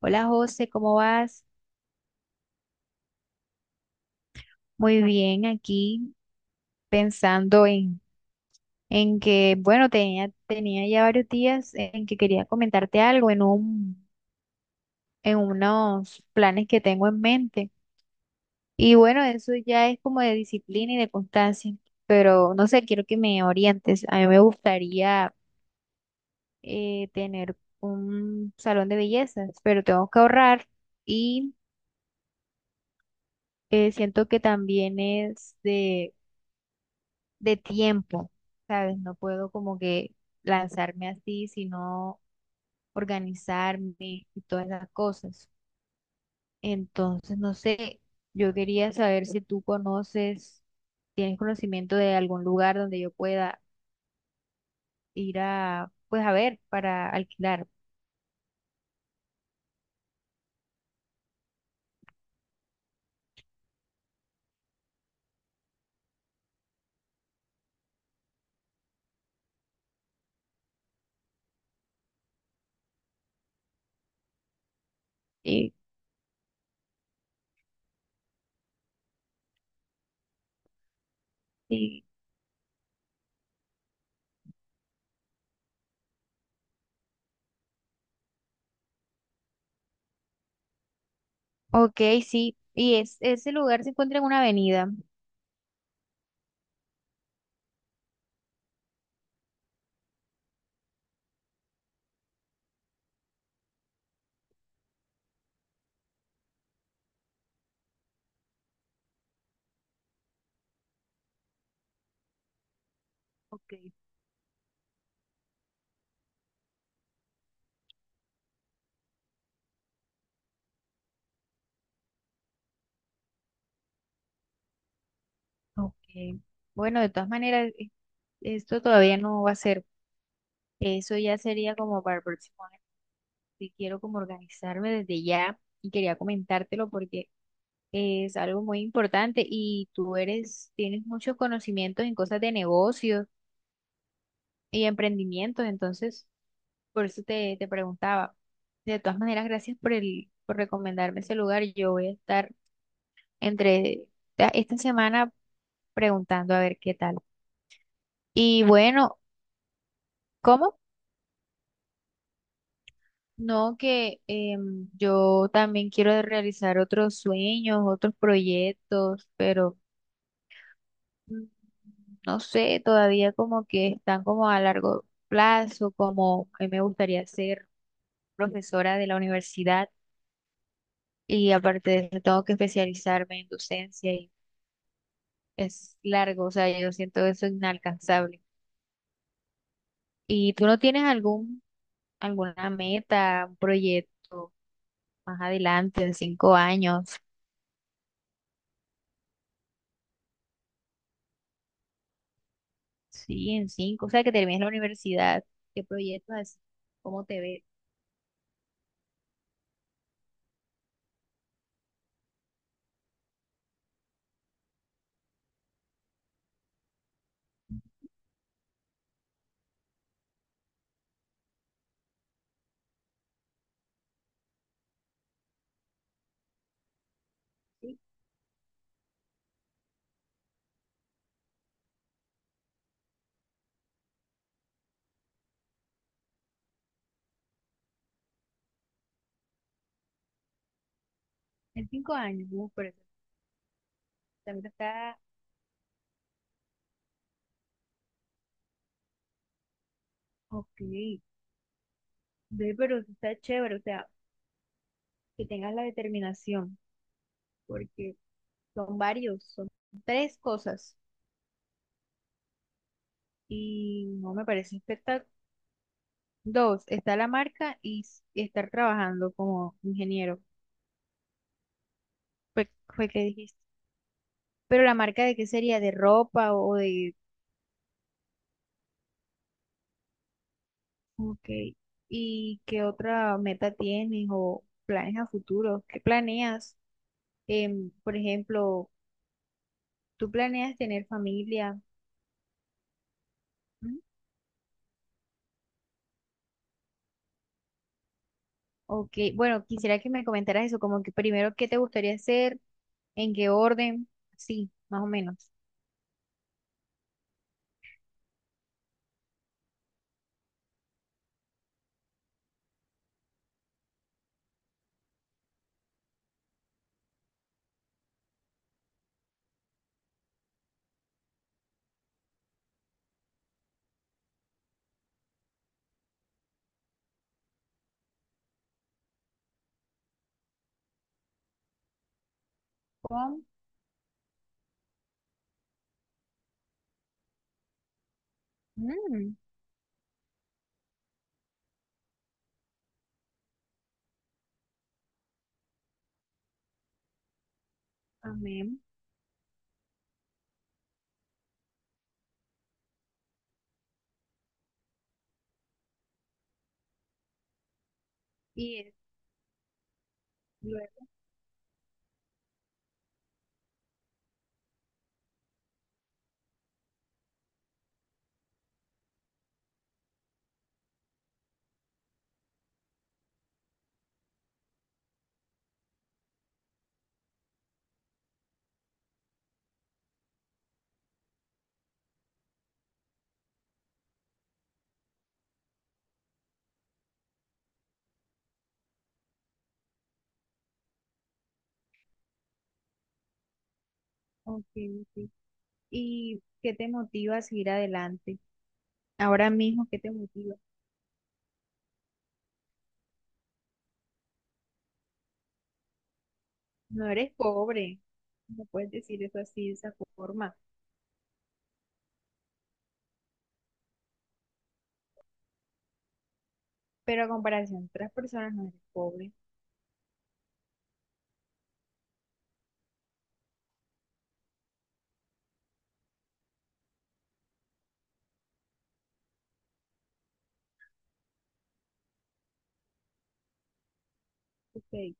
Hola José, ¿cómo vas? Muy bien, aquí pensando en que, bueno, tenía ya varios días en que quería comentarte algo en unos planes que tengo en mente. Y bueno, eso ya es como de disciplina y de constancia, pero no sé, quiero que me orientes. A mí me gustaría tener un salón de bellezas, pero tengo que ahorrar y siento que también es de tiempo, ¿sabes? No puedo como que lanzarme así, sino organizarme y todas las cosas. Entonces, no sé, yo quería saber si tú conoces, tienes conocimiento de algún lugar donde yo pueda ir a, pues a ver, para alquilar. Y, y, Ok, sí, y es, ese lugar se encuentra en una avenida. Ok. Ok, bueno, de todas maneras, esto todavía no va a ser, eso ya sería como para el próximo. Sí quiero como organizarme desde ya y quería comentártelo porque es algo muy importante y tú eres, tienes muchos conocimientos en cosas de negocios y emprendimientos, entonces por eso te preguntaba. De todas maneras, gracias por recomendarme ese lugar. Yo voy a estar entre esta semana preguntando a ver qué tal. Y bueno, ¿cómo? No, que yo también quiero realizar otros sueños, otros proyectos, pero mm, no sé, todavía como que están como a largo plazo, como a mí me gustaría ser profesora de la universidad y aparte de eso tengo que especializarme en docencia y es largo, o sea, yo siento eso inalcanzable. ¿Y tú no tienes alguna meta, un proyecto más adelante, en 5 años? Sí, en cinco, o sea, que termines la universidad. ¿Qué proyectos así? ¿Cómo te ves? Sí, en 5 años, pero eso también está. Ok, ve, pero eso está chévere, o sea, que tengas la determinación, porque son varios, son tres cosas y no me parece espectacular. Dos, está la marca y estar trabajando como ingeniero, fue que dijiste. Pero la marca de qué sería, de ropa o de... Ok, ¿y qué otra meta tienes o planes a futuro? ¿Qué planeas? Em, por ejemplo, ¿tú planeas tener familia? Ok, bueno, quisiera que me comentaras eso, como que primero, ¿qué te gustaría hacer? ¿En qué orden? Sí, más o menos. Con, mm, amén. Y luego, ok, ok. ¿Y qué te motiva a seguir adelante? Ahora mismo, ¿qué te motiva? No eres pobre, no puedes decir eso así, de esa forma, pero a comparación de otras personas no eres pobre. Ok,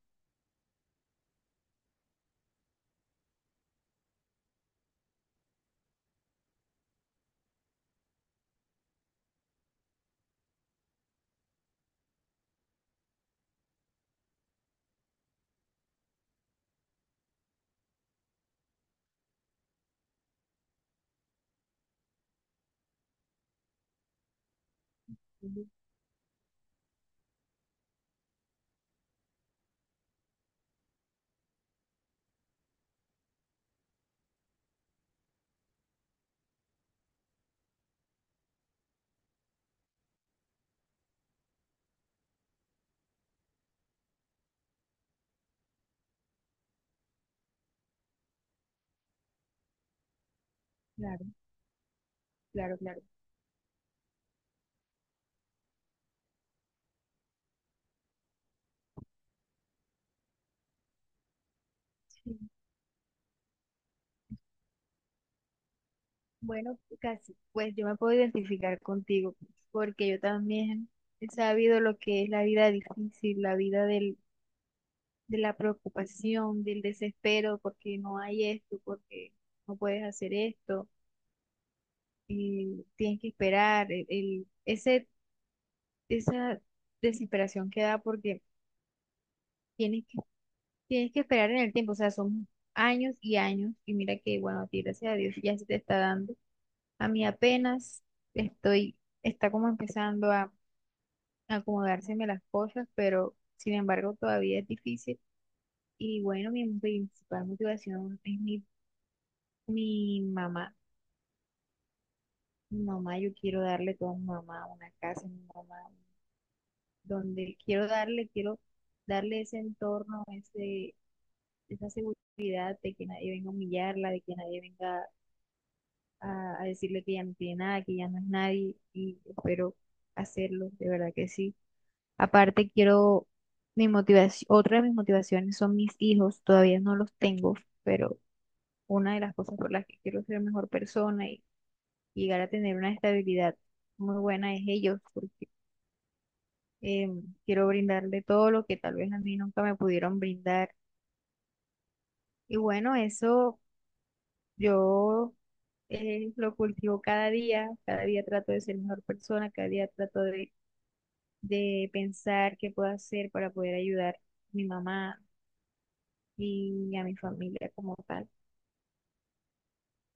ujú, claro, claro, claro. Sí. Bueno, casi, pues yo me puedo identificar contigo, porque yo también he sabido lo que es la vida difícil, la vida de la preocupación, del desespero, porque no hay esto, porque no puedes hacer esto, y tienes que esperar, esa desesperación que da porque tienes que, tienes que esperar en el tiempo, o sea, son años y años, y mira que, bueno, a ti, gracias a Dios, ya se te está dando. A mí apenas estoy, está como empezando a acomodárseme las cosas, pero sin embargo todavía es difícil. Y bueno, mi principal motivación es mi mamá. Mi mamá, yo quiero darle todo a mi mamá, una casa, a mi mamá, donde quiero darle ese entorno, esa seguridad de que nadie venga a humillarla, de que nadie venga a decirle que ya no tiene nada, que ya no es nadie, y espero hacerlo, de verdad que sí. Aparte, quiero mi motivación, otra de mis motivaciones son mis hijos, todavía no los tengo, pero una de las cosas por las que quiero ser mejor persona y llegar a tener una estabilidad muy buena es ellos, porque quiero brindarle todo lo que tal vez a mí nunca me pudieron brindar. Y bueno, eso yo lo cultivo cada día trato de ser mejor persona, cada día trato de pensar qué puedo hacer para poder ayudar a mi mamá y a mi familia como tal.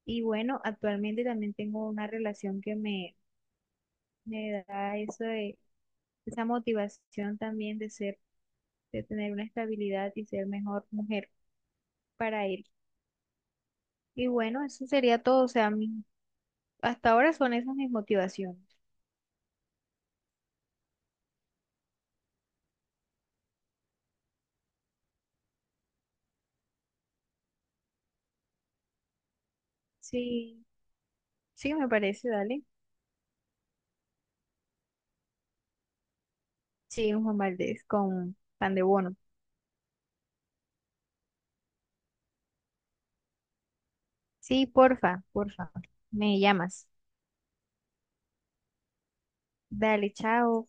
Y bueno, actualmente también tengo una relación que me da eso esa motivación también de ser, de tener una estabilidad y ser mejor mujer para él. Y bueno, eso sería todo. O sea, hasta ahora son esas mis motivaciones. Sí, sí, me parece, dale. Sí, un Juan Valdés con pan de bono. Sí, porfa, porfa. Me llamas. Dale, chao.